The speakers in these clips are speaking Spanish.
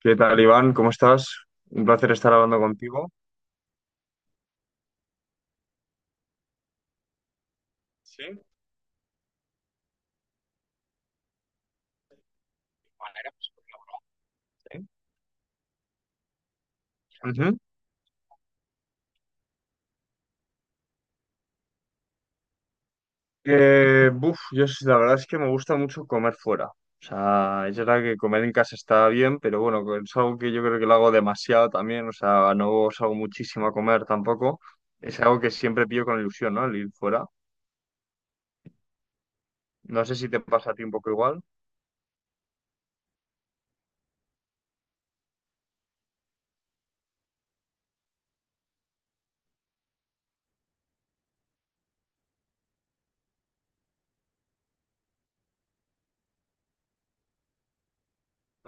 ¿Qué tal, Iván? ¿Cómo estás? Un placer estar hablando contigo. Sí, de manera, sí. Ujú. Yo sí, la verdad es que me gusta mucho comer fuera. O sea, es verdad que comer en casa está bien, pero bueno, es algo que yo creo que lo hago demasiado también. O sea, no salgo muchísimo a comer tampoco. Es algo que siempre pillo con ilusión, ¿no? El ir fuera. No sé si te pasa a ti un poco igual.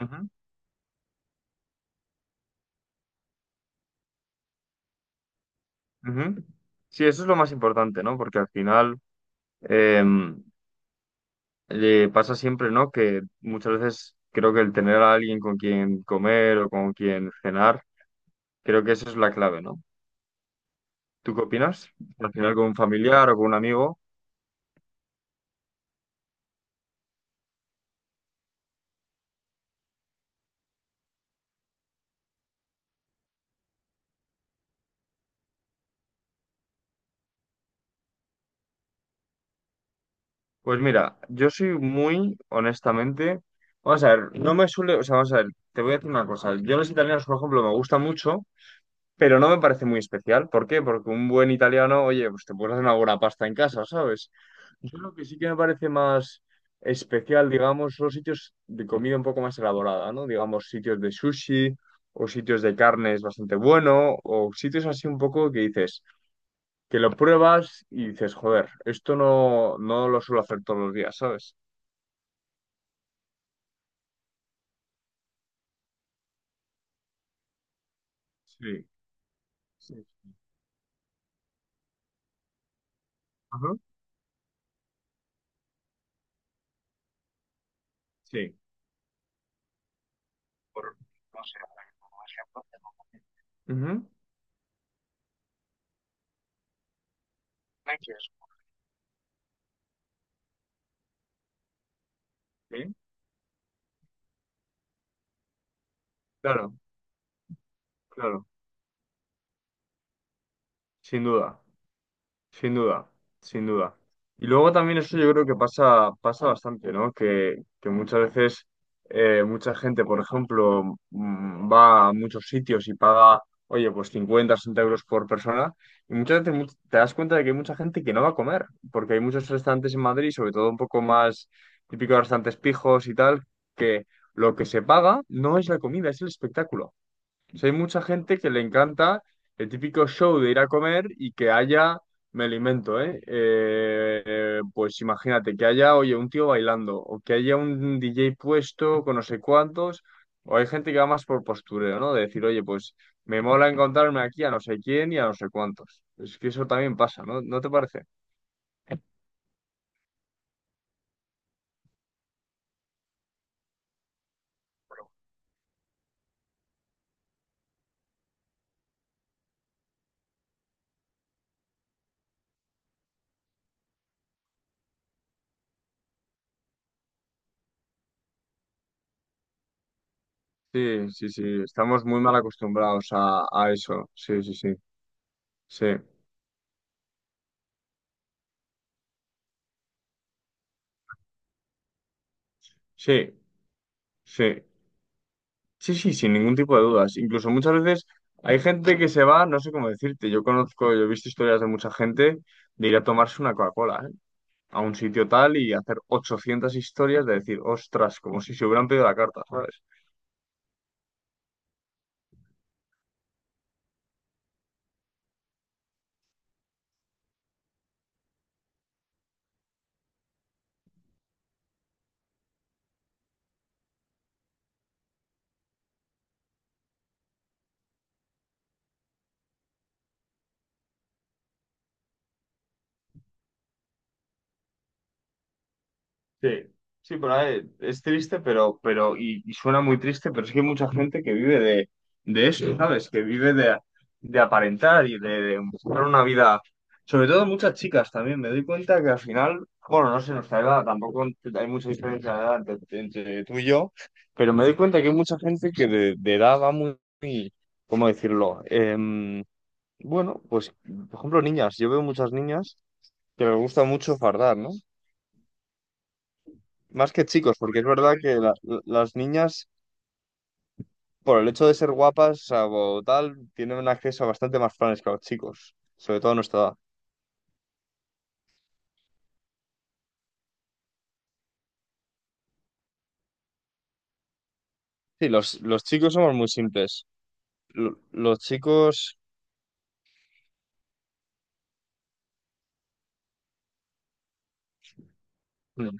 Ujú, ujú. Sí, eso es lo más importante, ¿no? Porque al final, em, pasa siempre, ¿no? Que muchas veces creo que el tener a alguien con quien comer o con quien cenar, creo que esa es la clave, ¿no? ¿Tú qué opinas? Al final con un familiar o con un amigo. Pues mira, yo soy muy, honestamente, vamos a ver, no me suele, o sea, vamos a ver, te voy a decir una cosa. Yo los italianos, por ejemplo, me gusta mucho, pero no me parece muy especial. ¿Por qué? Porque un buen italiano, oye, pues te puedes hacer una buena pasta en casa, ¿sabes? Yo lo que sí que me parece más especial, digamos, son los sitios de comida un poco más elaborada, ¿no? Digamos, sitios de sushi o sitios de carnes bastante bueno o sitios así un poco que dices, que lo pruebas y dices, joder, esto no, no lo suelo hacer todos los días, ¿sabes? Sí, sí. Ajá. Sí. Por- no sé, por ejemplo. Ujú. Gracias. Sí, claro, claro, sin duda. Sin duda, sin duda. Y luego también eso yo creo que pasa, pasa bastante, ¿no? Que muchas veces mucha gente, por ejemplo, va a muchos sitios y paga, oye, pues 50, 60 euros por persona. Y muchas veces te das cuenta de que hay mucha gente que no va a comer, porque hay muchos restaurantes en Madrid, sobre todo un poco más típicos restaurantes pijos y tal, que lo que se paga no es la comida, es el espectáculo sea, hay mucha gente que le encanta el típico show de ir a comer y que haya, me lo invento, pues imagínate, que haya, oye, un tío bailando, o que haya un DJ puesto con no sé cuántos, o hay gente que va más por postureo, ¿no? De decir, oye, pues me mola encontrarme aquí a no sé quién y a no sé cuántos. Es que eso también pasa, ¿no? ¿No te parece? Sí, sí, sí, estamos muy mal acostumbrados a eso. Sí, sí, sí. Sí, sí, sí. Sí, sí, sin ningún tipo de dudas. Incluso muchas veces hay gente que se va, no sé cómo decirte, yo conozco, yo he visto historias de mucha gente de ir a tomarse una Coca-Cola, ¿eh? A un sitio tal y hacer 800 historias de decir, ostras, como si se hubieran pedido la carta, ¿sabes? Sí, sí, pero es triste, pero, y suena muy triste, pero es que hay mucha gente que vive de eso, ¿sabes? Que vive de aparentar y de buscar una vida. Sobre todo muchas chicas también. Me doy cuenta que al final, bueno, no sé, nuestra edad, tampoco hay mucha diferencia de edad entre, entre tú y yo, pero me doy cuenta que hay mucha gente que de edad va muy, muy- ¿cómo decirlo? Bueno, pues, por ejemplo, niñas. Yo veo muchas niñas que les gusta mucho fardar, ¿no? Más que chicos, porque es verdad que las niñas, por el hecho de ser guapas o sea, o tal, tienen un acceso a bastante más planes que los chicos, sobre todo a nuestra edad. Sí, los chicos somos muy simples. Lo- Los chicos, mm,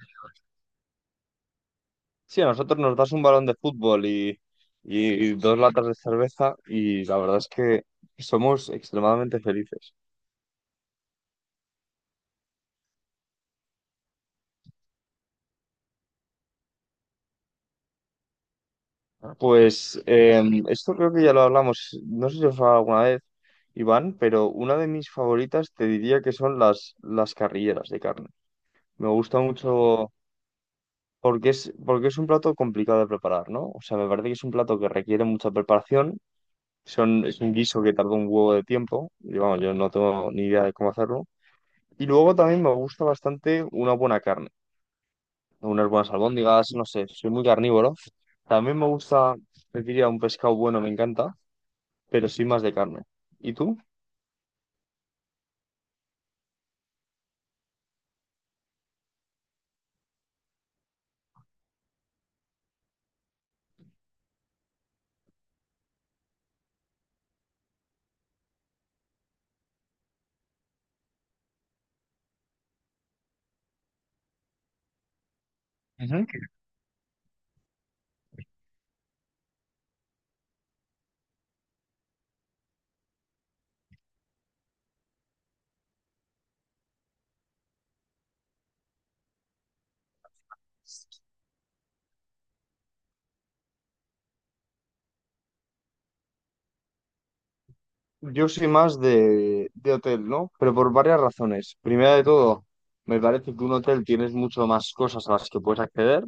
sí, a nosotros nos das un balón de fútbol y dos latas de cerveza y la verdad es que somos extremadamente felices. Pues esto creo que ya lo hablamos, no sé si os he hablado alguna vez, Iván, pero una de mis favoritas te diría que son las carrilleras de carne. Me gusta mucho porque es un plato complicado de preparar, ¿no? O sea, me parece que es un plato que requiere mucha preparación, son, es un guiso que tarda un huevo de tiempo, y vamos, yo no tengo ni idea de cómo hacerlo. Y luego también me gusta bastante una buena carne, unas buenas albóndigas, no sé, soy muy carnívoro. También me gusta, te diría, un pescado bueno, me encanta. Pero sí más de carne. ¿Y tú? Ujú. Yo soy más de hotel, ¿no? Pero por varias razones. Primera de todo, me parece que un hotel tienes mucho más cosas a las que puedes acceder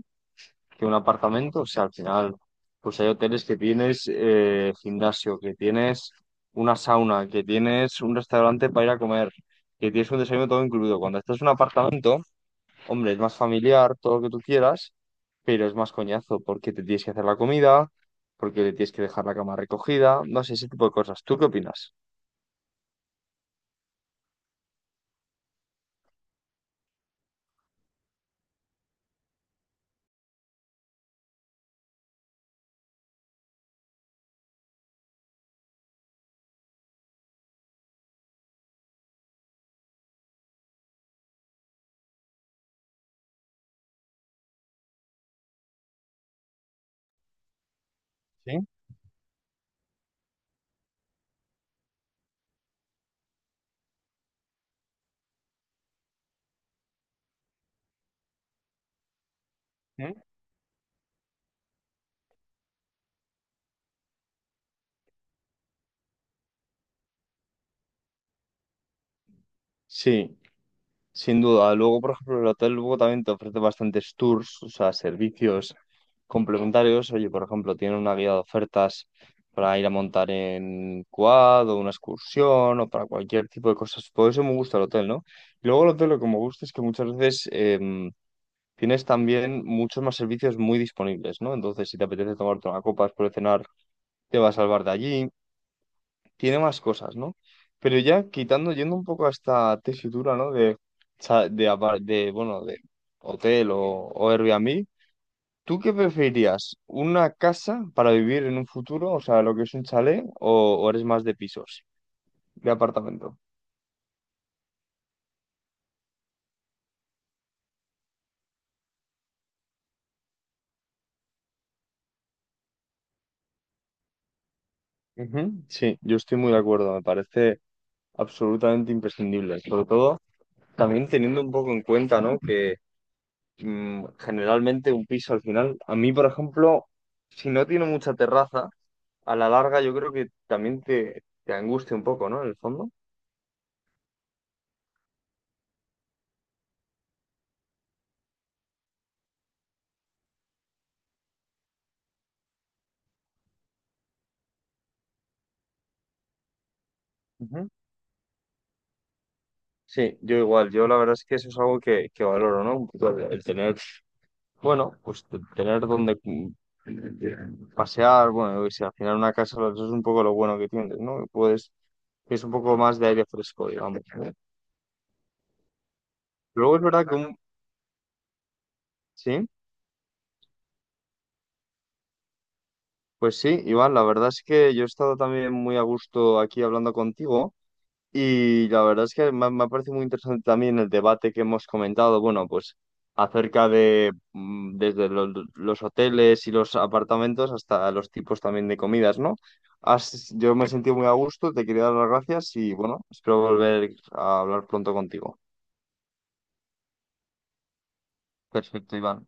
que un apartamento. O sea, al final, pues hay hoteles que tienes gimnasio, que tienes una sauna, que tienes un restaurante para ir a comer, que tienes un desayuno todo incluido. Cuando estás en un apartamento, hombre, es más familiar, todo lo que tú quieras, pero es más coñazo porque te tienes que hacer la comida, porque le tienes que dejar la cama recogida, no sé, ese tipo de cosas. ¿Tú qué opinas? ¿Sí? ¿Mm? Sí, sin duda. Luego, por ejemplo, el hotel luego también te ofrece bastantes tours, o sea, servicios complementarios. Oye, por ejemplo, tienen una guía de ofertas para ir a montar en quad o una excursión o para cualquier tipo de cosas. Por eso me gusta el hotel, ¿no? Y luego el hotel lo que me gusta es que muchas veces, tienes también muchos más servicios muy disponibles, ¿no? Entonces, si te apetece tomarte una copa después de cenar, te va a salvar de allí. Tiene más cosas, ¿no? Pero ya quitando, yendo un poco a esta tesitura, ¿no? De, cha- de, apa- de, bueno, de hotel o Airbnb, ¿tú qué preferirías? ¿Una casa para vivir en un futuro? O sea, lo que es un chalet, o eres más de pisos, de apartamento? Ujú, sí, yo estoy muy de acuerdo, me parece absolutamente imprescindible, sobre todo también teniendo un poco en cuenta, ¿no? Que generalmente un piso al final. A mí, por ejemplo, si no tiene mucha terraza, a la larga yo creo que también te angustia un poco, ¿no? En el fondo. Ujú. Sí, yo igual, yo la verdad es que eso es algo que valoro, ¿no? Un poco el tener, bueno, pues tener donde pasear, bueno, yo qué sé, al final una casa eso es un poco lo bueno que tienes, ¿no? Que puedes, es un poco más de aire fresco, digamos, ¿no? Luego es verdad que un, sí. Pues sí, Iván, la verdad es que yo he estado también muy a gusto aquí hablando contigo y la verdad es que me ha parecido muy interesante también el debate que hemos comentado, bueno, pues acerca de desde los hoteles y los apartamentos hasta los tipos también de comidas, ¿no? Yo me he sentido muy a gusto, te quería dar las gracias y bueno, espero volver a hablar pronto contigo. Perfecto, Iván.